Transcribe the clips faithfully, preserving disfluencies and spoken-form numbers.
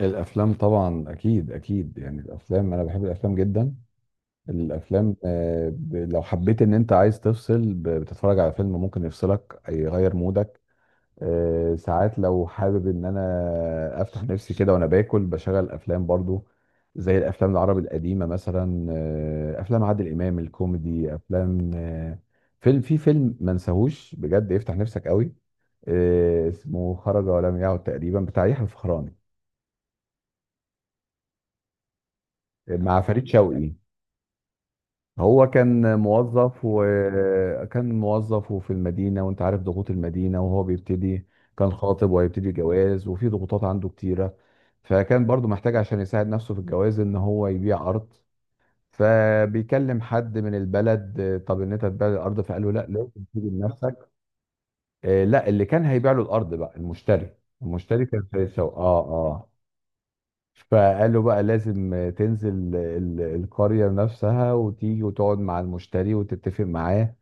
الافلام طبعا اكيد اكيد يعني الافلام انا بحب الافلام جدا. الافلام آه، ب- لو حبيت ان انت عايز تفصل ب- بتتفرج على فيلم ممكن يفصلك يغير مودك. آه، ساعات لو حابب ان انا افتح نفسي كده وانا باكل بشغل افلام برضو، زي الافلام العربي القديمه مثلا. آه، افلام عادل امام الكوميدي، افلام آه، فيلم في فيلم ما انساهوش بجد يفتح نفسك قوي. آه، اسمه خرج ولم يعد، تقريبا بتاع يحيى الفخراني مع فريد شوقي. هو كان موظف وكان موظف وفي المدينة، وانت عارف ضغوط المدينة، وهو بيبتدي. كان خاطب وهيبتدي جواز وفي ضغوطات عنده كتيرة، فكان برضو محتاج عشان يساعد نفسه في الجواز ان هو يبيع ارض. فبيكلم حد من البلد، آه، طب ان انت تبيع الارض، فقال له لا، لازم تيجي بنفسك. آه، لا، اللي كان هيبيع له الارض بقى المشتري. المشتري كان شايف- اه اه فقالوا بقى لازم تنزل ال- القرية نفسها وتيجي وتقعد مع المشتري وتتفق معاه.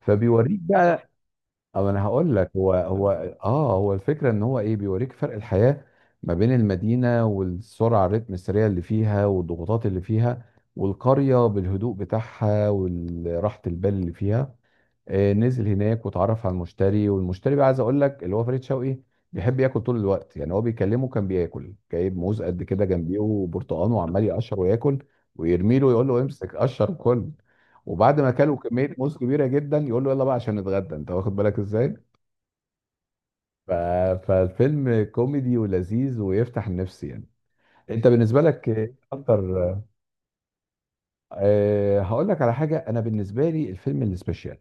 فبيوريك بقى، او انا هقول لك. هو هو اه هو الفكرة ان هو ايه، بيوريك فرق الحياة ما بين المدينة والسرعة، الريتم السريع اللي فيها والضغوطات اللي فيها، والقرية بالهدوء بتاعها وراحة البال اللي فيها. آه، نزل هناك واتعرف على المشتري، والمشتري بقى عايز اقول لك اللي هو فريد شوقي بيحب ياكل طول الوقت. يعني هو بيكلمه كان بياكل، جايب موز قد كده جنبيه وبرتقان، وعمال يقشر وياكل ويرمي له يقول له امسك قشر وكل. وبعد ما كلوا كميه موز كبيره جدا يقول له يلا بقى عشان نتغدى، انت واخد بالك ازاي. ف... فالفيلم كوميدي ولذيذ ويفتح النفس يعني. انت بالنسبه لك إيه اكتر؟ أه هقول لك على حاجه، انا بالنسبه لي الفيلم السبيشال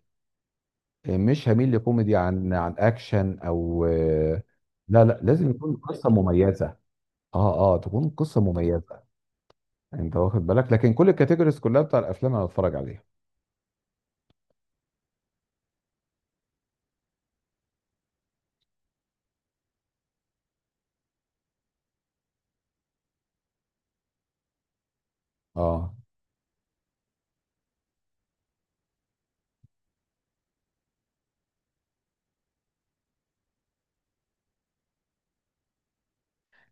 مش هميل لكوميدي عن عن اكشن او، لا لا، لازم يكون قصه مميزه. اه اه تكون قصه مميزه، انت واخد بالك. لكن كل الكاتيجوريز كلها بتاع الافلام انا بتفرج عليها. اه،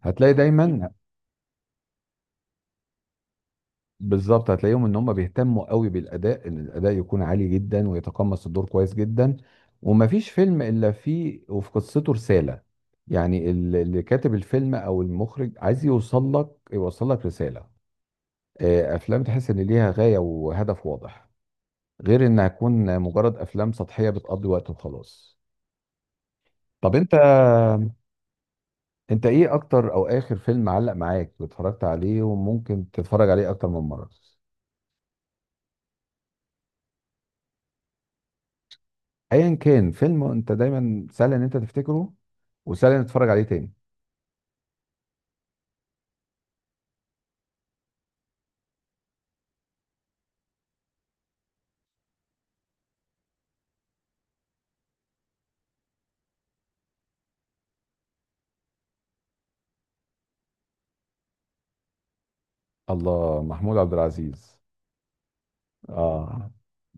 هتلاقي دايما، بالظبط هتلاقيهم ان هم بيهتموا قوي بالاداء، ان الاداء يكون عالي جدا ويتقمص الدور كويس جدا. ومفيش فيلم الا فيه وفي قصته رساله، يعني ال- اللي كاتب الفيلم او المخرج عايز يوصل لك يوصل لك رساله. آه، افلام تحس ان ليها غايه وهدف واضح، غير انها تكون مجرد افلام سطحيه بتقضي وقت وخلاص. طب انت، انت ايه اكتر او اخر فيلم علق معاك واتفرجت عليه وممكن تتفرج عليه اكتر من مره؟ ايا كان، فيلم انت دايما سهل ان انت تفتكره وسهل ان تتفرج عليه تاني. الله، محمود عبد العزيز. اه،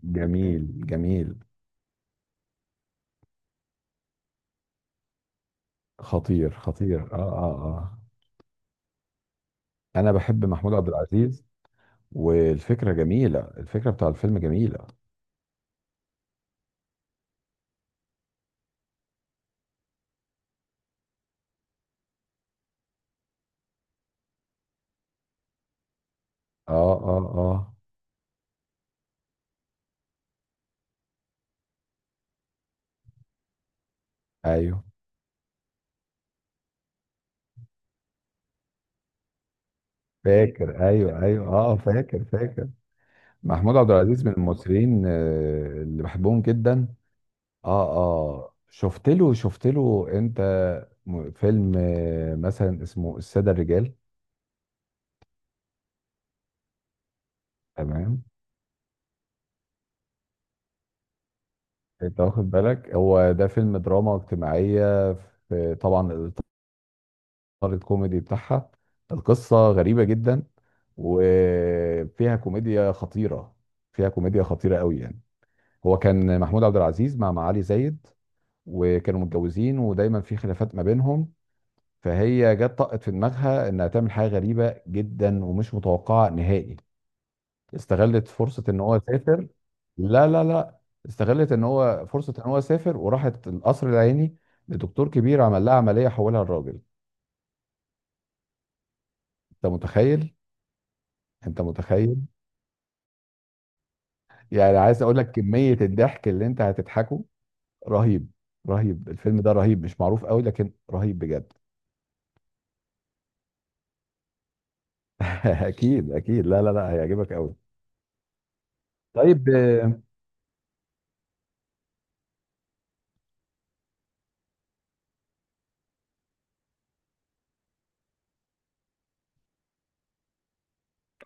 جميل جميل. خطير خطير، اه اه اه انا بحب محمود عبد العزيز. والفكره جميله، الفكره بتاع الفيلم جميله. اه اه اه ايوه، فاكر. ايوه ايوه، اه، فاكر فاكر. محمود عبد العزيز من المصريين، آه، اللي بحبهم جدا. اه اه، شفت له؟ شفت له انت م- فيلم آه، مثلا اسمه الساده الرجال. تمام، انت واخد بالك، هو ده فيلم دراما اجتماعيه في طبعا الاطار الكوميدي بتاعها. القصه غريبه جدا وفيها كوميديا خطيره، فيها كوميديا خطيره قوي يعني. هو كان محمود عبد العزيز مع معالي زايد، وكانوا متجوزين ودايما في خلافات ما بينهم. فهي جت طقت في دماغها انها تعمل حاجه غريبه جدا ومش متوقعه نهائي. استغلت فرصه ان هو سافر. لا لا لا، استغلت ان هو فرصه ان هو سافر وراحت القصر العيني لدكتور كبير، عمل لها عمليه حولها لراجل. انت متخيل؟ انت متخيل، يعني عايز اقول لك كميه الضحك اللي انت هتضحكه رهيب. رهيب الفيلم ده، رهيب، مش معروف قوي لكن رهيب بجد. اكيد اكيد، لا لا لا هيعجبك قوي. طيب.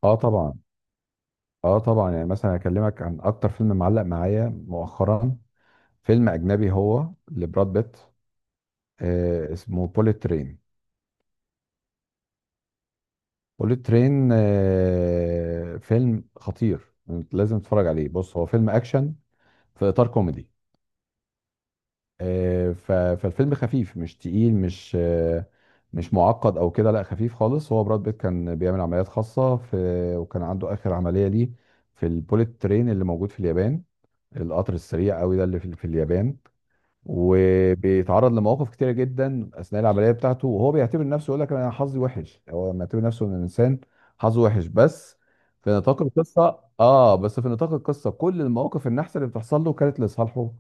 اه طبعا. اه طبعا، يعني مثلا اكلمك عن اكتر فيلم معلق معايا مؤخرا. فيلم اجنبي هو لبراد بيت، آه اسمه بوليت ترين. بوليت ترين، آه فيلم خطير، لازم تتفرج عليه. بص، هو فيلم اكشن في اطار كوميدي. آه ف- فالفيلم خفيف مش تقيل، مش آه مش معقد او كده، لا خفيف خالص. هو براد بيت كان بيعمل عمليات خاصة، في وكان عنده اخر عملية ليه في البوليت ترين اللي موجود في اليابان، القطر السريع قوي ده اللي في في اليابان. وبيتعرض لمواقف كتيره جدا اثناء العمليه بتاعته، وهو بيعتبر نفسه يقول لك انا حظي وحش. هو معتبر نفسه ان الانسان حظه وحش، بس في نطاق القصه، اه، بس في نطاق القصه كل المواقف النحسه اللي بتحصل له كانت لصالحه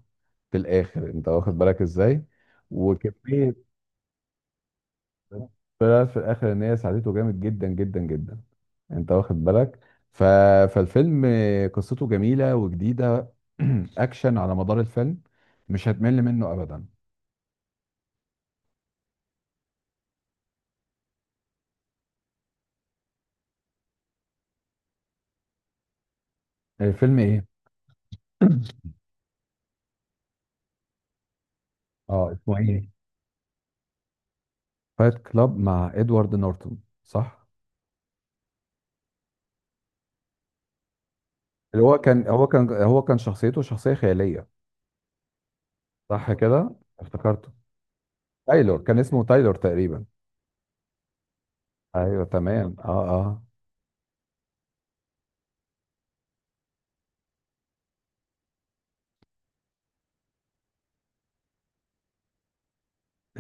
في الاخر، انت واخد بالك ازاي. وكميه، طلعت في الاخر ان هي ساعدته جامد جدا جدا جدا، انت واخد بالك. ف... فالفيلم قصته جميله وجديده. اكشن على مدار الفيلم، مش هتمل منه ابدا. الفيلم ايه؟ اه، اسمه ايه؟ فايت كلاب مع ادوارد نورتون، صح؟ اللي هو كان، هو كان هو كان شخصيته شخصية خيالية، صح كده. افتكرته، تايلور، كان اسمه تايلور تقريبا. ايوه تمام، اه اه.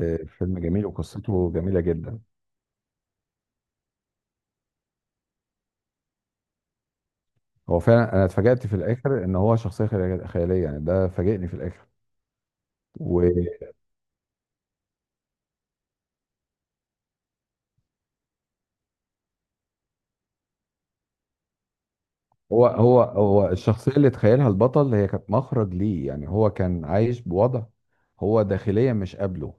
إيه، فيلم جميل وقصته جميلة جدا. هو فعلا انا اتفاجأت في الاخر ان هو شخصية خيال- خيالية يعني، ده فاجئني في الاخر. وهو هو هو الشخصية اللي اتخيلها البطل هي كانت مخرج ليه، يعني هو كان عايش بوضع هو داخليا مش قابله.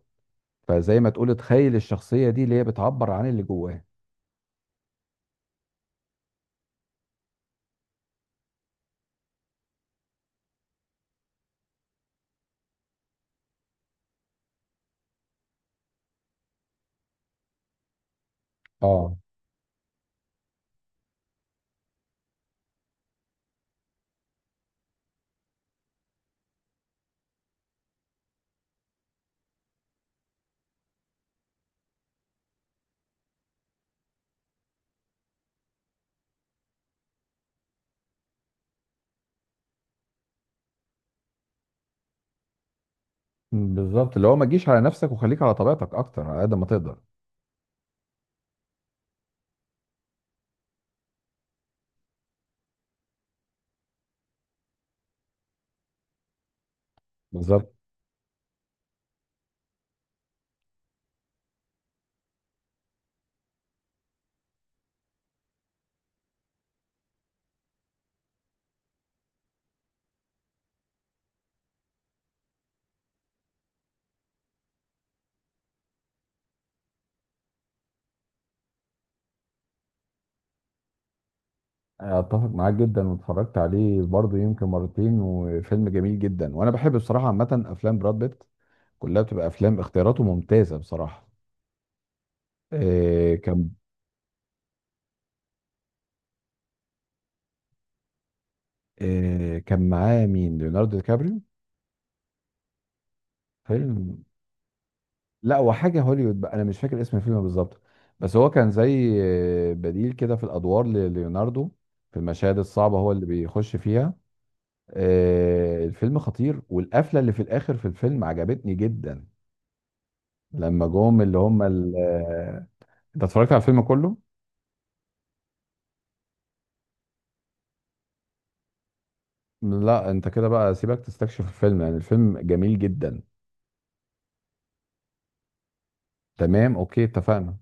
فزي ما تقول تخيل الشخصية دي اللي هي بتعبر عن اللي جواه. اه بالظبط، اللي هو ما تجيش على نفسك وخليك على طبيعتك اكتر على قد ما تقدر. بالظبط. اتفق معاك جدا، واتفرجت عليه برضه يمكن مرتين. وفيلم جميل جدا، وانا بحب بصراحه عامه افلام براد بيت، كلها بتبقى افلام اختياراته ممتازه بصراحه. آه كان آه كان معاه مين، ليوناردو دي كابريو. فيلم، لا وحاجه هوليوود بقى انا مش فاكر اسم الفيلم بالظبط. بس هو كان زي آه، بديل كده في الادوار لليوناردو، في المشاهد الصعبه هو اللي بيخش فيها. آه، الفيلم خطير، والقفله اللي في الاخر في الفيلم عجبتني جدا. لما جم اللي هم ال- آه، انت اتفرجت على الفيلم كله؟ لا، انت كده بقى سيبك تستكشف الفيلم، يعني الفيلم جميل جدا. تمام اوكي، اتفقنا.